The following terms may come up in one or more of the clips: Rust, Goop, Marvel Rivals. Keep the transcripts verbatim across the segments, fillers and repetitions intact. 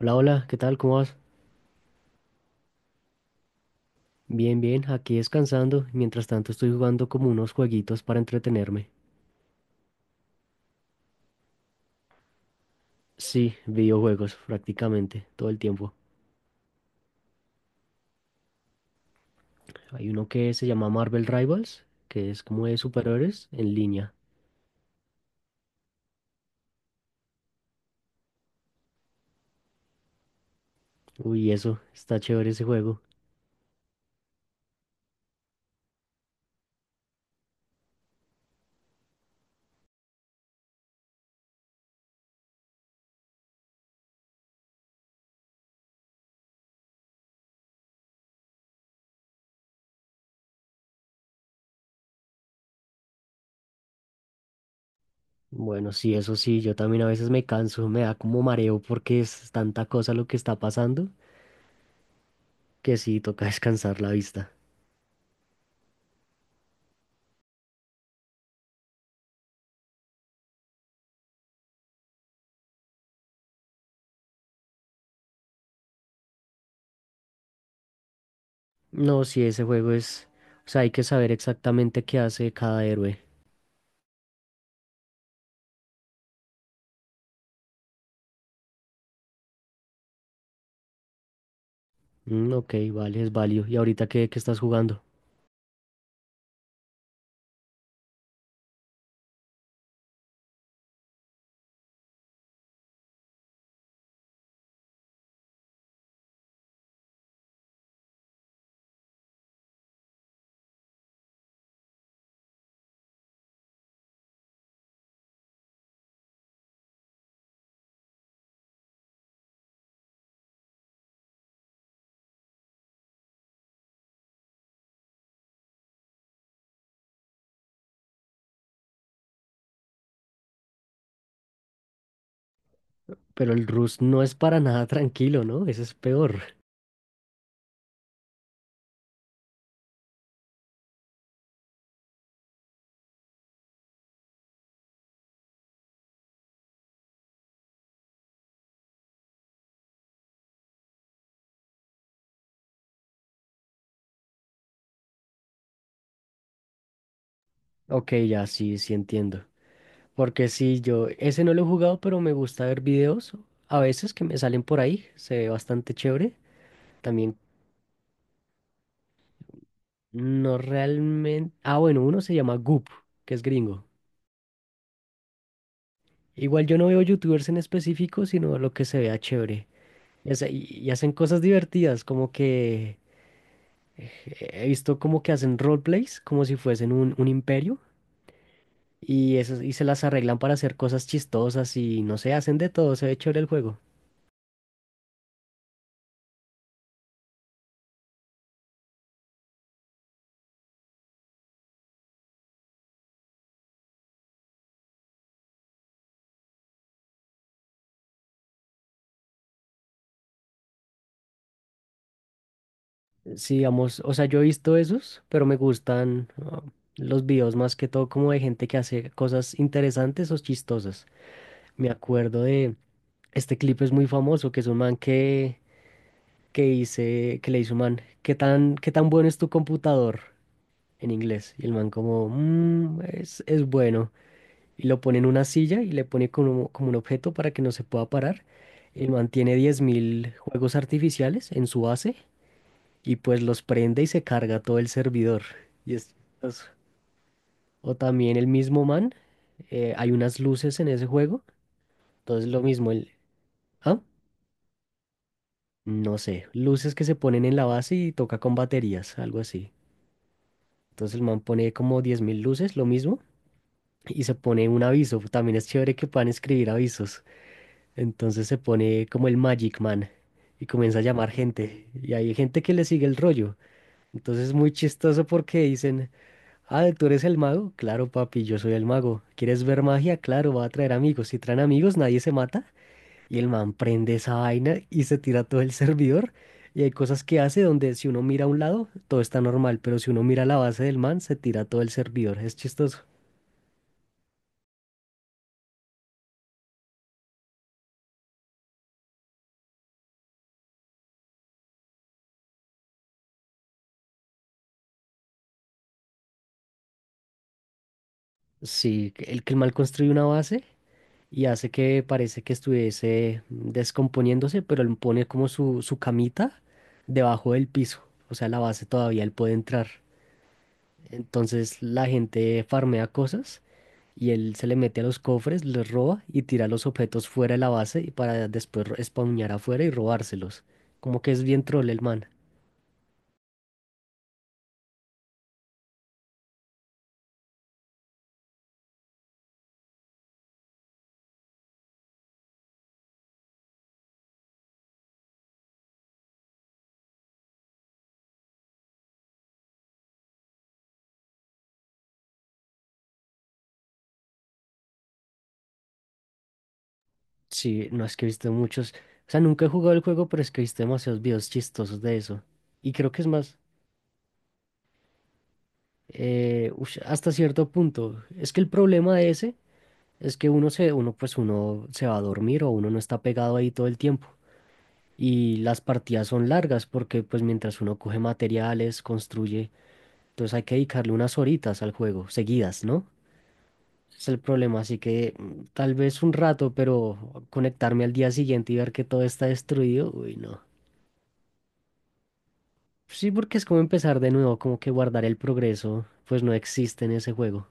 Hola, hola, ¿qué tal? ¿Cómo vas? Bien, bien, aquí descansando. Mientras tanto estoy jugando como unos jueguitos para entretenerme. Sí, videojuegos prácticamente todo el tiempo. Hay uno que se llama Marvel Rivals, que es como de superhéroes en línea. Uy, eso, está chévere ese juego. Bueno, sí, eso sí, yo también a veces me canso, me da como mareo porque es tanta cosa lo que está pasando que sí, toca descansar la vista. No, sí, ese juego es... O sea, hay que saber exactamente qué hace cada héroe. Mm, ok, vale, es válido. ¿Y ahorita qué, qué estás jugando? Pero el Rust no es para nada tranquilo, ¿no? Ese es peor. Ok, ya sí, sí entiendo. Porque sí, yo ese no lo he jugado, pero me gusta ver videos a veces que me salen por ahí. Se ve bastante chévere. También no realmente... Ah, bueno, uno se llama Goop, que es gringo. Igual yo no veo youtubers en específico, sino lo que se vea chévere. Y, hace- y hacen cosas divertidas, como que... eh, he visto como que hacen roleplays, como si fuesen un, un imperio. Y, eso, y se las arreglan para hacer cosas chistosas y no sé, hacen de todo, se ve chévere el juego. Sí, vamos, o sea, yo he visto esos, pero me gustan ah, los videos más que todo como de gente que hace cosas interesantes o chistosas. Me acuerdo de, este clip es muy famoso, que es un man que, que dice, que le dice un man, ¿qué tan, qué tan bueno es tu computador? En inglés. Y el man como, "Mm, es, es bueno". Y lo pone en una silla y le pone como, como un objeto para que no se pueda parar. Él mantiene diez mil juegos artificiales en su base y pues los prende y se carga todo el servidor. Y es chistoso. O también el mismo man, eh, hay unas luces en ese juego, entonces lo mismo, el... ¿Ah? No sé, luces que se ponen en la base y toca con baterías, algo así. Entonces el man pone como diez mil luces, lo mismo, y se pone un aviso. También es chévere que puedan escribir avisos. Entonces se pone como el Magic Man y comienza a llamar gente. Y hay gente que le sigue el rollo. Entonces es muy chistoso porque dicen, ah, ¿tú eres el mago? Claro, papi, yo soy el mago. ¿Quieres ver magia? Claro, va a traer amigos. Si traen amigos, nadie se mata. Y el man prende esa vaina y se tira todo el servidor. Y hay cosas que hace donde si uno mira a un lado, todo está normal, pero si uno mira la base del man, se tira todo el servidor. Es chistoso. Sí, el que el mal construye una base y hace que parece que estuviese descomponiéndose, pero él pone como su, su camita debajo del piso, o sea, la base todavía él puede entrar. Entonces la gente farmea cosas y él se le mete a los cofres, les roba y tira los objetos fuera de la base y para después ro- spawnear afuera y robárselos. Como que es bien troll el man. Sí, no es que he visto muchos, o sea, nunca he jugado el juego, pero es que he visto demasiados videos chistosos de eso. Y creo que es más... Eh, ush, hasta cierto punto. Es que el problema de ese es que uno se, uno, pues uno se va a dormir o uno no está pegado ahí todo el tiempo. Y las partidas son largas porque pues mientras uno coge materiales, construye, entonces hay que dedicarle unas horitas al juego, seguidas, ¿no? Es el problema, así que mm, tal vez un rato, pero conectarme al día siguiente y ver que todo está destruido, uy, no. Sí, porque es como empezar de nuevo, como que guardar el progreso, pues no existe en ese juego.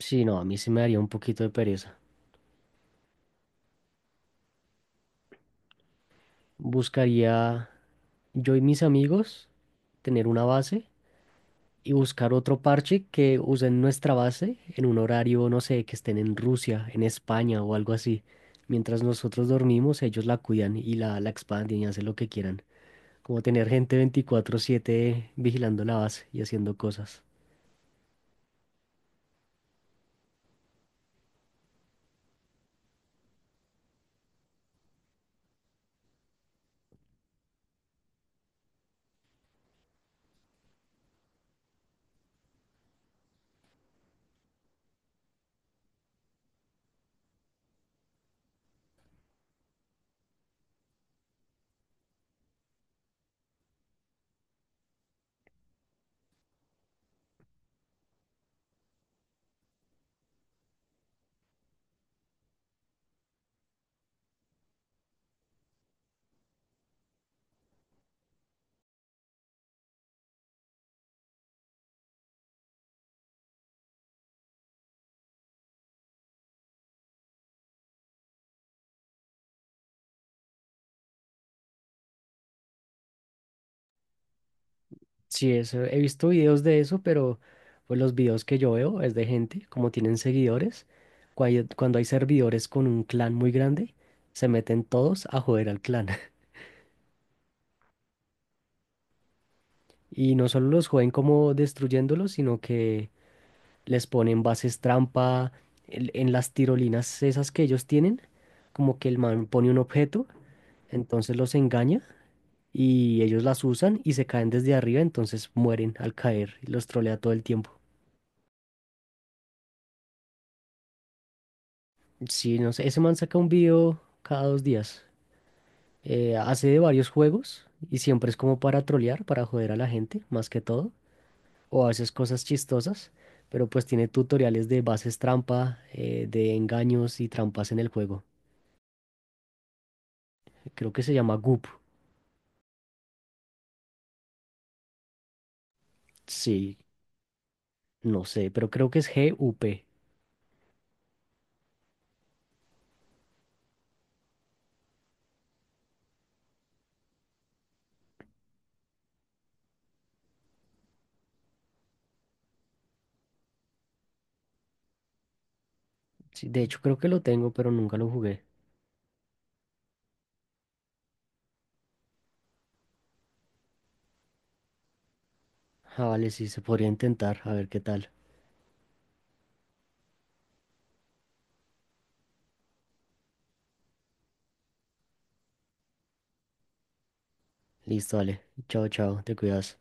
Sí, no, a mí sí me daría un poquito de pereza. Buscaría yo y mis amigos tener una base y buscar otro parche que usen nuestra base en un horario, no sé, que estén en Rusia, en España o algo así. Mientras nosotros dormimos, ellos la cuidan y la, la expanden y hacen lo que quieran. Como tener gente veinticuatro siete vigilando la base y haciendo cosas. Sí, eso, he visto videos de eso, pero pues los videos que yo veo es de gente, como tienen seguidores, cuai- cuando hay servidores con un clan muy grande, se meten todos a joder al clan. Y no solo los joden como destruyéndolos, sino que les ponen bases trampa en, en las tirolinas esas que ellos tienen, como que el man pone un objeto, entonces los engaña y ellos las usan y se caen desde arriba, entonces mueren al caer y los trolea todo el tiempo. Sí, no sé, ese man saca un video cada dos días. Eh, hace de varios juegos y siempre es como para trolear, para joder a la gente, más que todo. O a veces cosas chistosas, pero pues tiene tutoriales de bases trampa, eh, de engaños y trampas en el juego. Creo que se llama Goop. Sí, no sé, pero creo que es G-U-P. Sí, de hecho, creo que lo tengo, pero nunca lo jugué. Ah, vale, sí, se podría intentar, a ver qué tal. Listo, vale. Chao, chao, te cuidas.